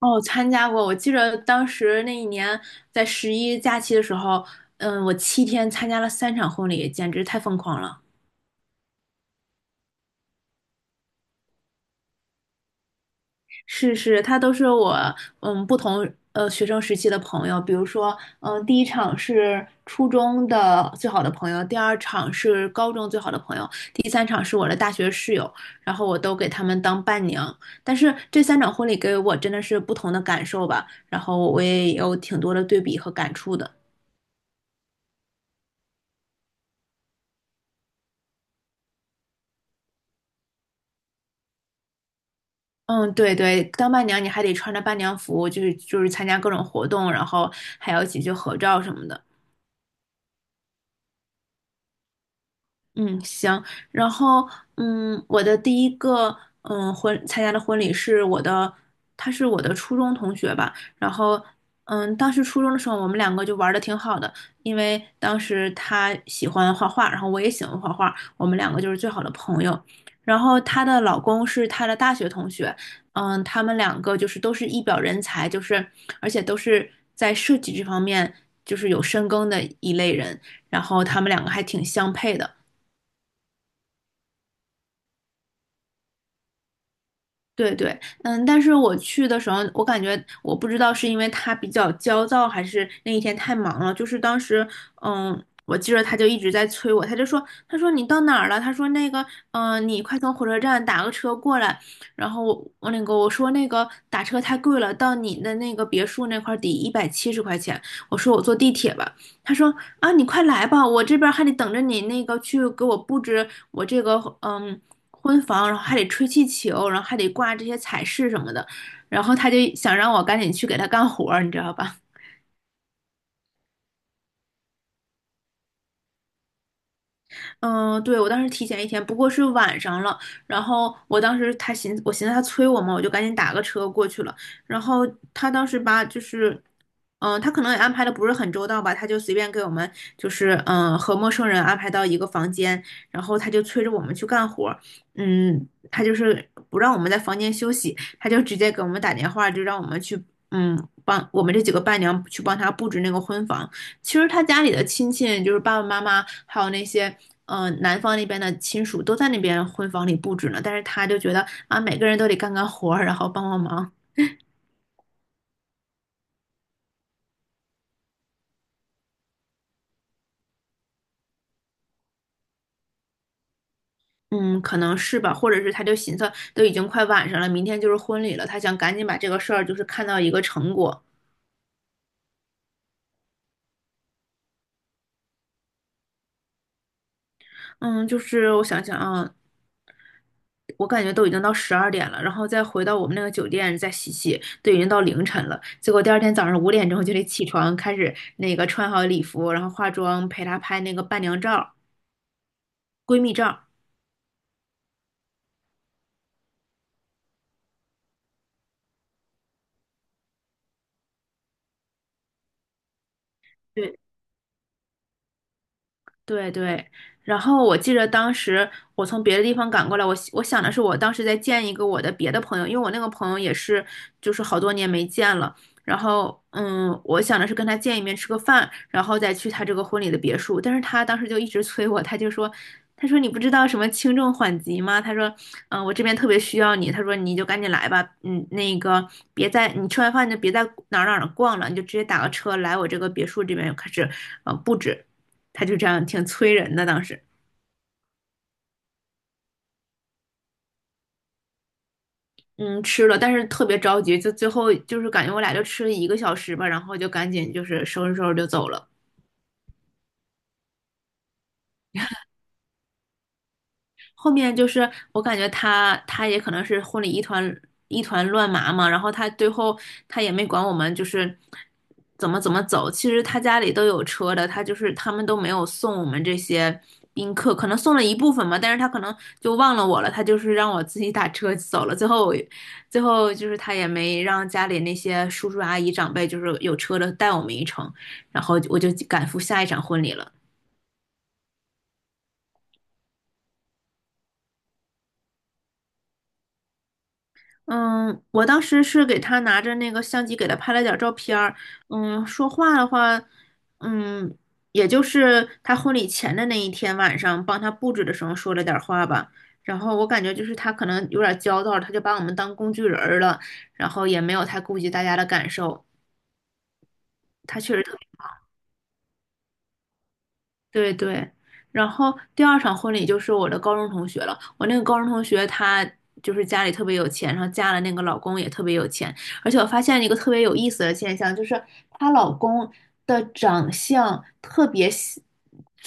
哦，参加过。我记着当时那一年在十一假期的时候，我7天参加了三场婚礼，简直太疯狂了。是是，他都是我不同学生时期的朋友，比如说第一场是初中的最好的朋友，第二场是高中最好的朋友，第三场是我的大学室友，然后我都给他们当伴娘。但是这三场婚礼给我真的是不同的感受吧，然后我也有挺多的对比和感触的。嗯，对对，当伴娘你还得穿着伴娘服，就是参加各种活动，然后还要一起去合照什么的。嗯，行。然后，我的第一个，参加的婚礼是我的，他是我的初中同学吧。然后，当时初中的时候，我们两个就玩的挺好的，因为当时他喜欢画画，然后我也喜欢画画，我们两个就是最好的朋友。然后她的老公是她的大学同学，他们两个就是都是一表人才，就是而且都是在设计这方面就是有深耕的一类人，然后他们两个还挺相配的。对对，但是我去的时候，我感觉我不知道是因为他比较焦躁，还是那一天太忙了。就是当时，嗯，我记着他就一直在催我，他就说，他说你到哪儿了？他说那个，你快从火车站打个车过来。然后我那个我说那个打车太贵了，到你的那个别墅那块儿得170块钱。我说我坐地铁吧。他说啊，你快来吧，我这边还得等着你那个去给我布置我这个婚房，然后还得吹气球，然后还得挂这些彩饰什么的，然后他就想让我赶紧去给他干活儿你知道吧？嗯，对，我当时提前一天，不过是晚上了。然后我当时我寻思他催我嘛，我就赶紧打个车过去了。然后他当时吧，就是，他可能也安排的不是很周到吧，他就随便给我们就是和陌生人安排到一个房间，然后他就催着我们去干活儿他就是不让我们在房间休息，他就直接给我们打电话，就让我们去帮我们这几个伴娘去帮他布置那个婚房。其实他家里的亲戚，就是爸爸妈妈，还有那些。男方那边的亲属都在那边婚房里布置呢，但是他就觉得啊，每个人都得干干活儿，然后帮帮忙。嗯，可能是吧，或者是他就寻思，都已经快晚上了，明天就是婚礼了，他想赶紧把这个事儿就是看到一个成果。嗯，就是我想想啊，我感觉都已经到12点了，然后再回到我们那个酒店再洗洗，都已经到凌晨了。结果第二天早上5点钟就得起床，开始那个穿好礼服，然后化妆，陪她拍那个伴娘照、闺蜜照。对，对对，然后我记得当时我从别的地方赶过来，我想的是我当时再见一个我的别的朋友，因为我那个朋友也是就是好多年没见了，然后我想的是跟他见一面吃个饭，然后再去他这个婚礼的别墅，但是他当时就一直催我，他就说。他说：“你不知道什么轻重缓急吗？”他说：我这边特别需要你。”他说：“你就赶紧来吧，那个别在你吃完饭你就别在哪儿逛了，你就直接打个车来我这个别墅这边开始布置。”他就这样挺催人的。当时，嗯，吃了，但是特别着急，就最后就是感觉我俩就吃了1个小时吧，然后就赶紧就是收拾收拾就走了。后面就是我感觉他也可能是婚礼一团乱麻嘛，然后他最后他也没管我们就是怎么走，其实他家里都有车的，他就是他们都没有送我们这些宾客，可能送了一部分嘛，但是他可能就忘了我了，他就是让我自己打车走了，最后就是他也没让家里那些叔叔阿姨长辈就是有车的带我们一程，然后我就赶赴下一场婚礼了。嗯，我当时是给他拿着那个相机给他拍了点儿照片儿。说话的话，嗯，也就是他婚礼前的那一天晚上，帮他布置的时候说了点儿话吧。然后我感觉就是他可能有点儿焦躁，他就把我们当工具人儿了，然后也没有太顾及大家的感受。他确实特对对，然后第二场婚礼就是我的高中同学了。我那个高中同学她就是家里特别有钱，然后嫁了那个老公也特别有钱。而且我发现一个特别有意思的现象，就是她老公的长相特别喜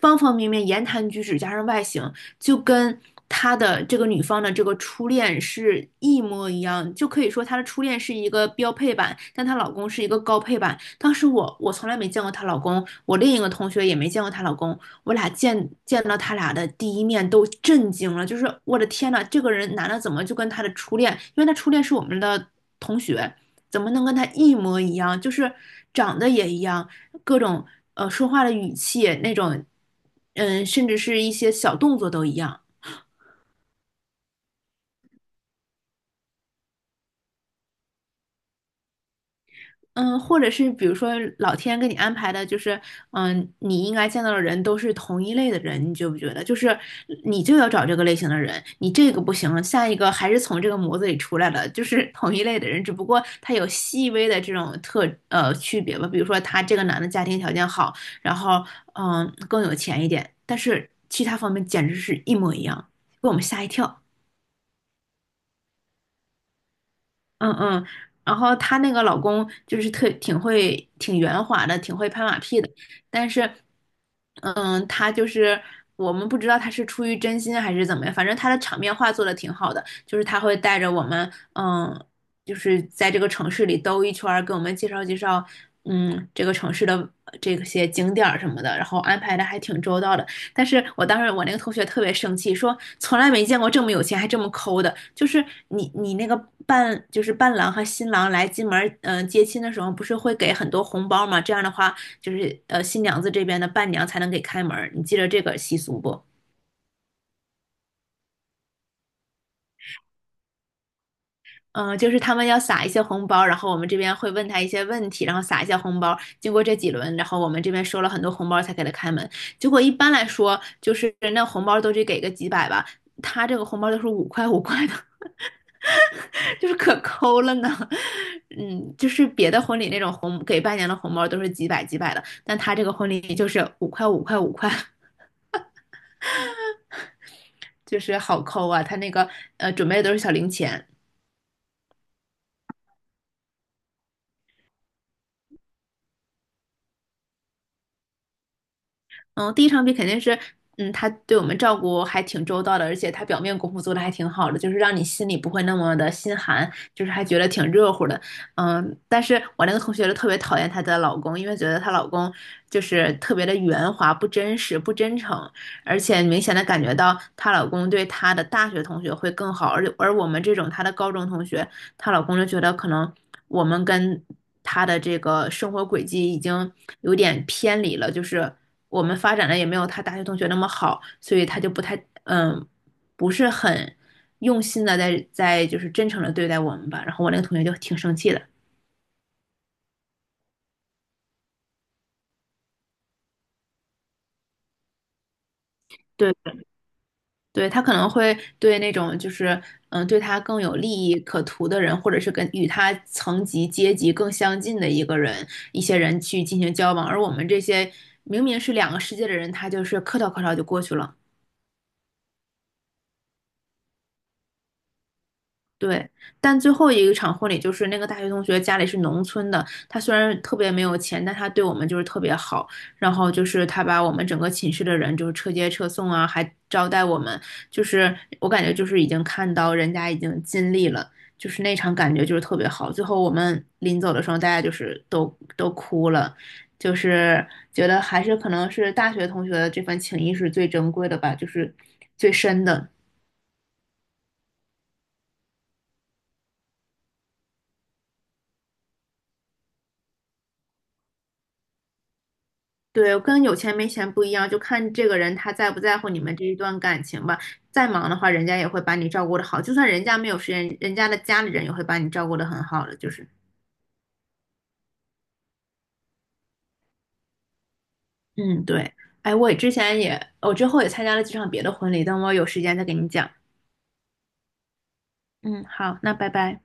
方方面面，言谈举止加上外形，就跟她的这个女方的这个初恋是一模一样。就可以说她的初恋是一个标配版，但她老公是一个高配版。当时我从来没见过她老公，我另一个同学也没见过她老公，我俩见到他俩的第一面都震惊了，就是我的天呐，这个人男的怎么就跟他的初恋，因为他初恋是我们的同学，怎么能跟他一模一样？就是长得也一样，各种说话的语气那种，甚至是一些小动作都一样。嗯，或者是比如说老天给你安排的，就是你应该见到的人都是同一类的人，你觉不觉得？就是你就要找这个类型的人，你这个不行，下一个还是从这个模子里出来的，就是 同一类的人，只不过他有细微的这种区别吧。比如说他这个男的家庭条件好，然后更有钱一点，但是其他方面简直是一模一样，给我们吓一跳。嗯嗯，然后她那个老公就是特挺会、挺圆滑的，挺会拍马屁的，但是，嗯，他就是我们不知道他是出于真心还是怎么样，反正他的场面话做的挺好的，就是他会带着我们，就是在这个城市里兜一圈儿，给我们介绍介绍，这个城市的这些景点儿什么的，然后安排的还挺周到的。但是我当时我那个同学特别生气，说从来没见过这么有钱还这么抠的。就是你那个伴就是伴郎和新郎来进门接亲的时候，不是会给很多红包吗？这样的话，就是新娘子这边的伴娘才能给开门你记得这个习俗不？嗯、就是他们要撒一些红包，然后我们这边会问他一些问题，然后撒一些红包。经过这几轮，然后我们这边收了很多红包才给他开门。结果一般来说，就是那红包都得给个几百吧，他这个红包都是五块五块的。就是可抠了呢。就是别的婚礼那种给伴娘的红包都是几百几百的，但他这个婚礼就是五块五块五块，就是好抠啊。他那个准备的都是小零钱。嗯，第一场比肯定是。他对我们照顾还挺周到的，而且他表面功夫做的还挺好的，就是让你心里不会那么的心寒，就是还觉得挺热乎的。但是我那个同学就特别讨厌她的老公，因为觉得她老公就是特别的圆滑、不真实、不真诚。而且明显的感觉到她老公对她的大学同学会更好，而我们这种她的高中同学，她老公就觉得可能我们跟她的这个生活轨迹已经有点偏离了，就是我们发展的也没有她大学同学那么好，所以她就不太不是很用心的在就是真诚的对待我们吧。然后我那个同学就挺生气的。对对，他可能会对那种就是对他更有利益可图的人，或者是跟与他层级阶级更相近的一个人，一些人去进行交往，而我们这些明明是两个世界的人，他就是客套客套就过去了。对，但最后一个场婚礼就是那个大学同学家里是农村的，他虽然特别没有钱，但他对我们就是特别好。然后就是他把我们整个寝室的人就是车接车送啊，还招待我们，就是我感觉就是已经看到人家已经尽力了，就是那场感觉就是特别好。最后我们临走的时候，大家就是都哭了，就是觉得还是可能是大学同学的这份情谊是最珍贵的吧，就是最深的。对，跟有钱没钱不一样，就看这个人他在不在乎你们这一段感情吧。再忙的话，人家也会把你照顾的好，就算人家没有时间，人家的家里人也会把你照顾的很好的。就是，嗯，对。哎，我也之前也，我之后也参加了几场别的婚礼，等我有时间再给你讲。嗯，好，那拜拜。